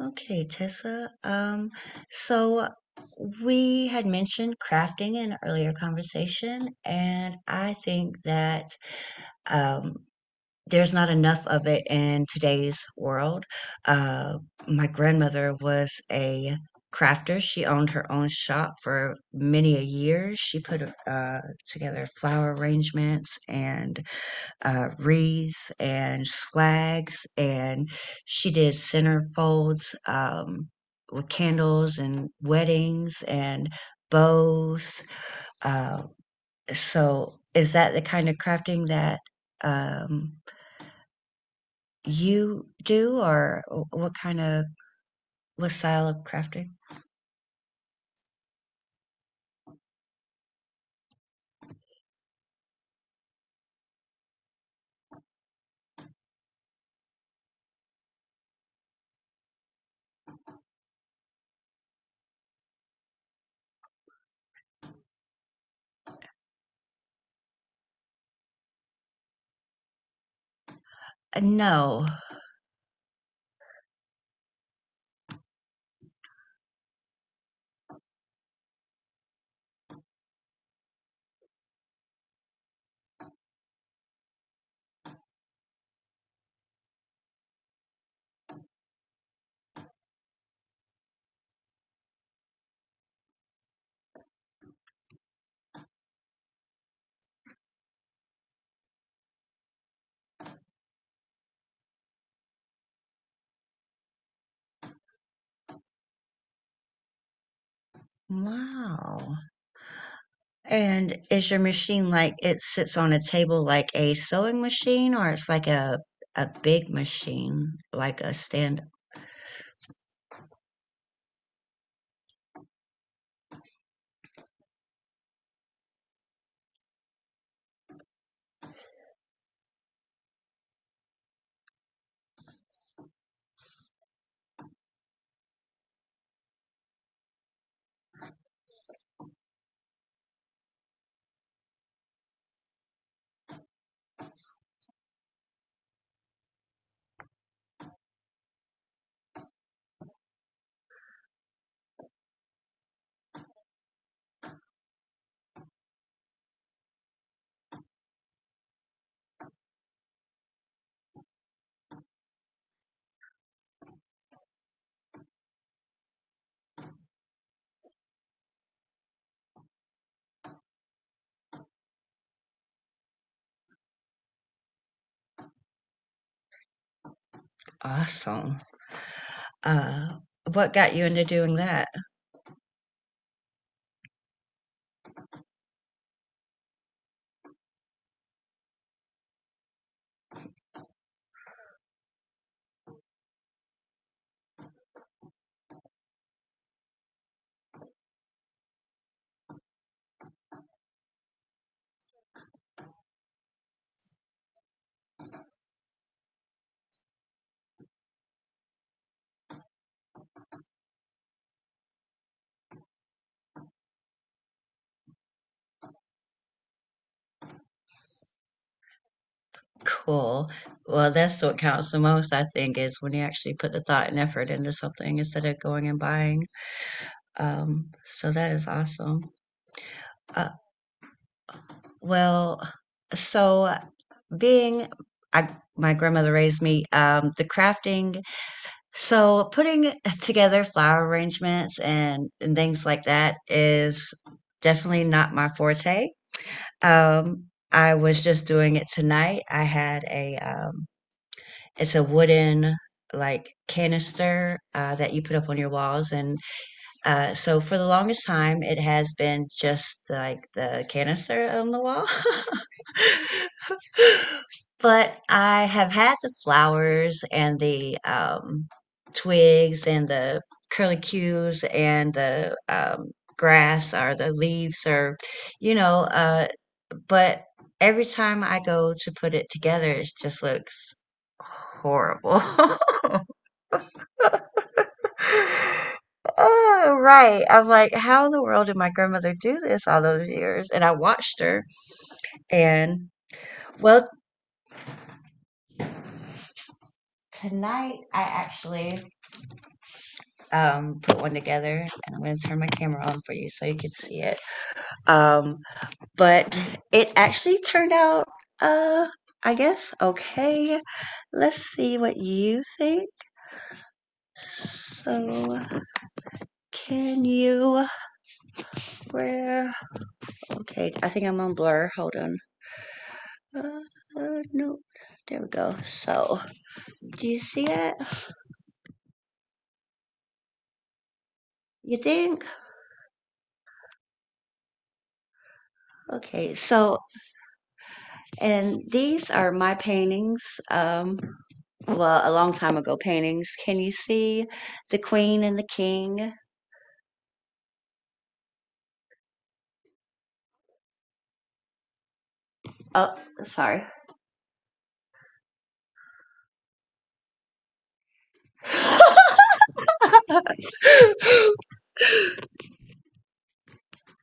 Okay, Tessa. So we had mentioned crafting in an earlier conversation, and I think that um, there's not enough of it in today's world. Uh, my grandmother was a crafter. She owned her own shop for many a year. She put together flower arrangements and wreaths and swags, and she did centerfolds with candles and weddings and bows. Uh, so, is that the kind of crafting that um, you do, or what kind of what style of crafting? No. Wow. And is your machine like it sits on a table like a sewing machine or it's like a big machine, like a stand? Awesome. Uh, what got you into doing that? Cool. Well, that's what counts the most, I think, is when you actually put the thought and effort into something instead of going and buying. So that is awesome. Uh, well, so being I, my grandmother raised me, the crafting, so putting together flower arrangements and things like that is definitely not my forte. Um, I was just doing it tonight. I had a it's a wooden like canister that you put up on your walls, and so for the longest time, it has been just like the canister on the wall. But I have had the flowers and the twigs and the curlicues and the grass or the leaves or, you know, but every time I go to put it together, it just looks horrible. Oh, right. I'm like, how in the world did my grandmother do this all those years? And I watched her. And well, tonight I actually put one together and I'm going to turn my camera on for you so you can see it. Um, but it actually turned out, uh, I guess, okay. Let's see what you think. So, can you, where, okay, I think I'm on blur. Hold on. Uh, no, there we go. So, do you see it? You think? Okay, so, and these are my paintings. Um, well, a long time ago paintings. Can you see the queen and the king? Oh, sorry.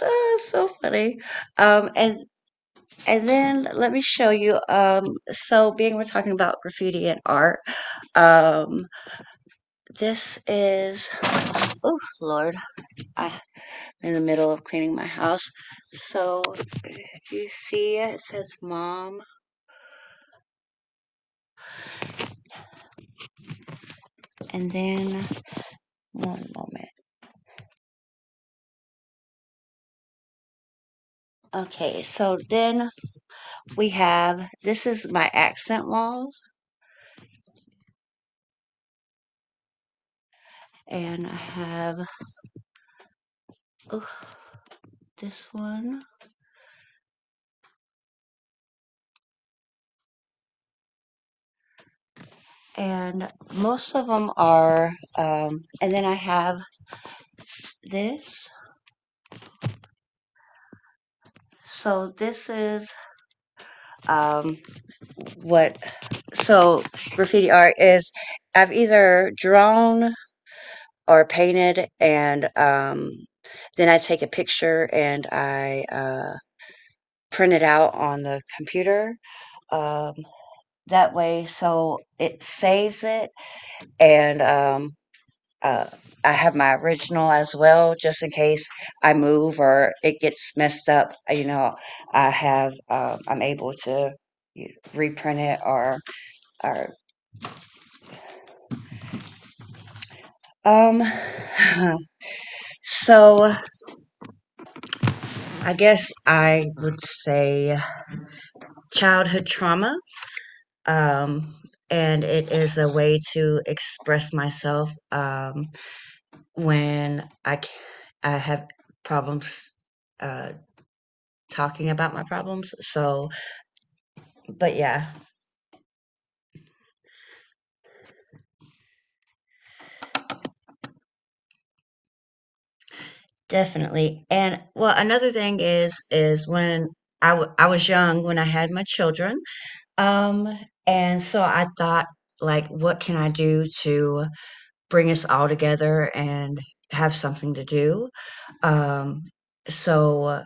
Ah, so funny. Um, and And then let me show you. So, being we're talking about graffiti and art, um, this is, oh Lord, I'm in the middle of cleaning my house. So, you see it, says mom. And then, one moment. Okay, so then we have, this is my accent walls. And I have, oh, this one. And most of them are, and then I have this. So this is um, what so graffiti art is. I've either drawn or painted, and then I take a picture and I print it out on the computer. Um, that way, so it saves it, and Uh, I have my original as well, just in case I move or it gets messed up. You know, I have I'm able to reprint it or um. so I guess I would say childhood trauma. Um, and it is a way to express myself when I have problems uh, talking about my problems. So, but yeah. Definitely. And well, another thing is when I was young when I had my children. Um, and so I thought like what can I do to bring us all together and have something to do? Um, so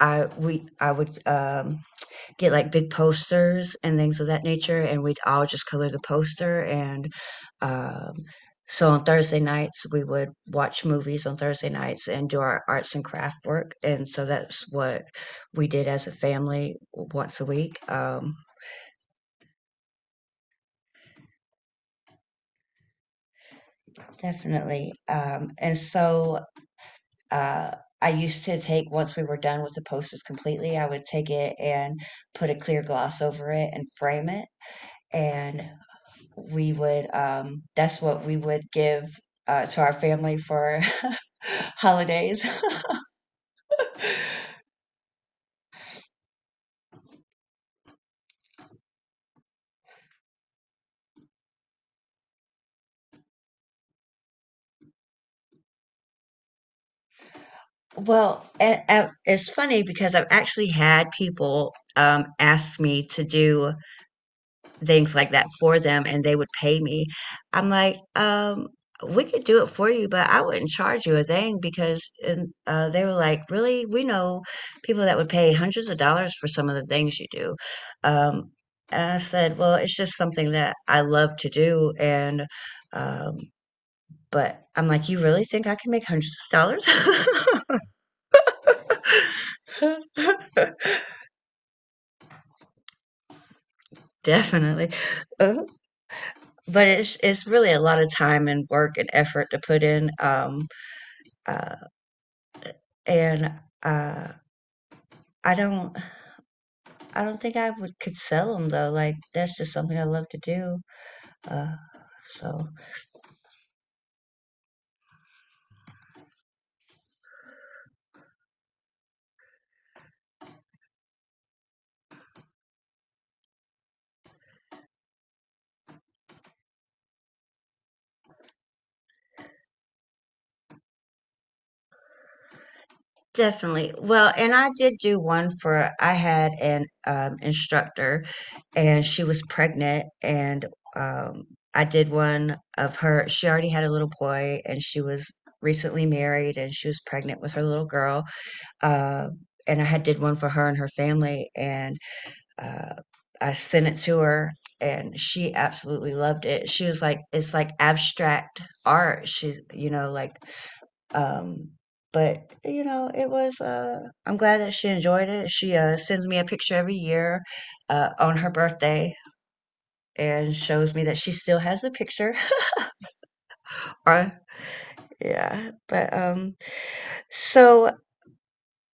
I we I would get like big posters and things of that nature, and we'd all just color the poster. And um, so on Thursday nights, we would watch movies on Thursday nights and do our arts and craft work. And so that's what we did as a family once a week. Definitely. And so uh, I used to take, once we were done with the posters completely, I would take it and put a clear gloss over it and frame it. And we would that's what we would give to our family for holidays. Well, and it's funny because I've actually had people ask me to do things like that for them and they would pay me. I'm like, we could do it for you, but I wouldn't charge you a thing because and they were like, really? We know people that would pay hundreds of dollars for some of the things you do. Um, and I said, well, it's just something that I love to do. Um, but I'm like, you really think I can make hundreds of dollars? Definitely. But it's really a lot of time and work and effort to put in. Uh, and uh, I don't I don't think I would could sell them though. Like that's just something I love to do. Uh, so definitely. Well, and I did do one for I had an instructor, and she was pregnant, and um, I did one of her. She already had a little boy, and she was recently married, and she was pregnant with her little girl. Uh, and I had did one for her and her family, and uh, I sent it to her, and she absolutely loved it. She was like, "It's like abstract art." She's, you know, like, um, but you know, it was. I'm glad that she enjoyed it. She sends me a picture every year on her birthday and shows me that she still has the picture. Or yeah, but so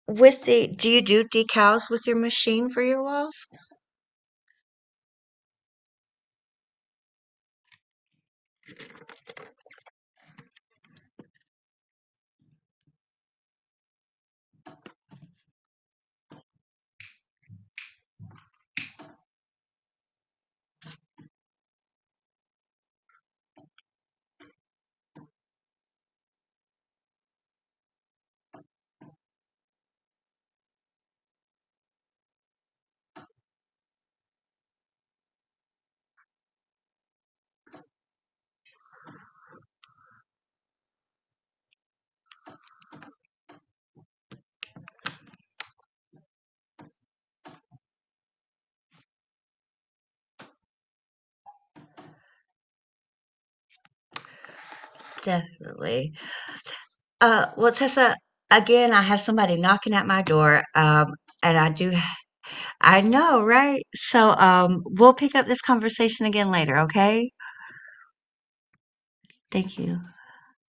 with the, do you do decals with your machine for your walls? Definitely. Well, Tessa, again, I have somebody knocking at my door, and I do, I know, right? So, we'll pick up this conversation again later, okay? Thank you.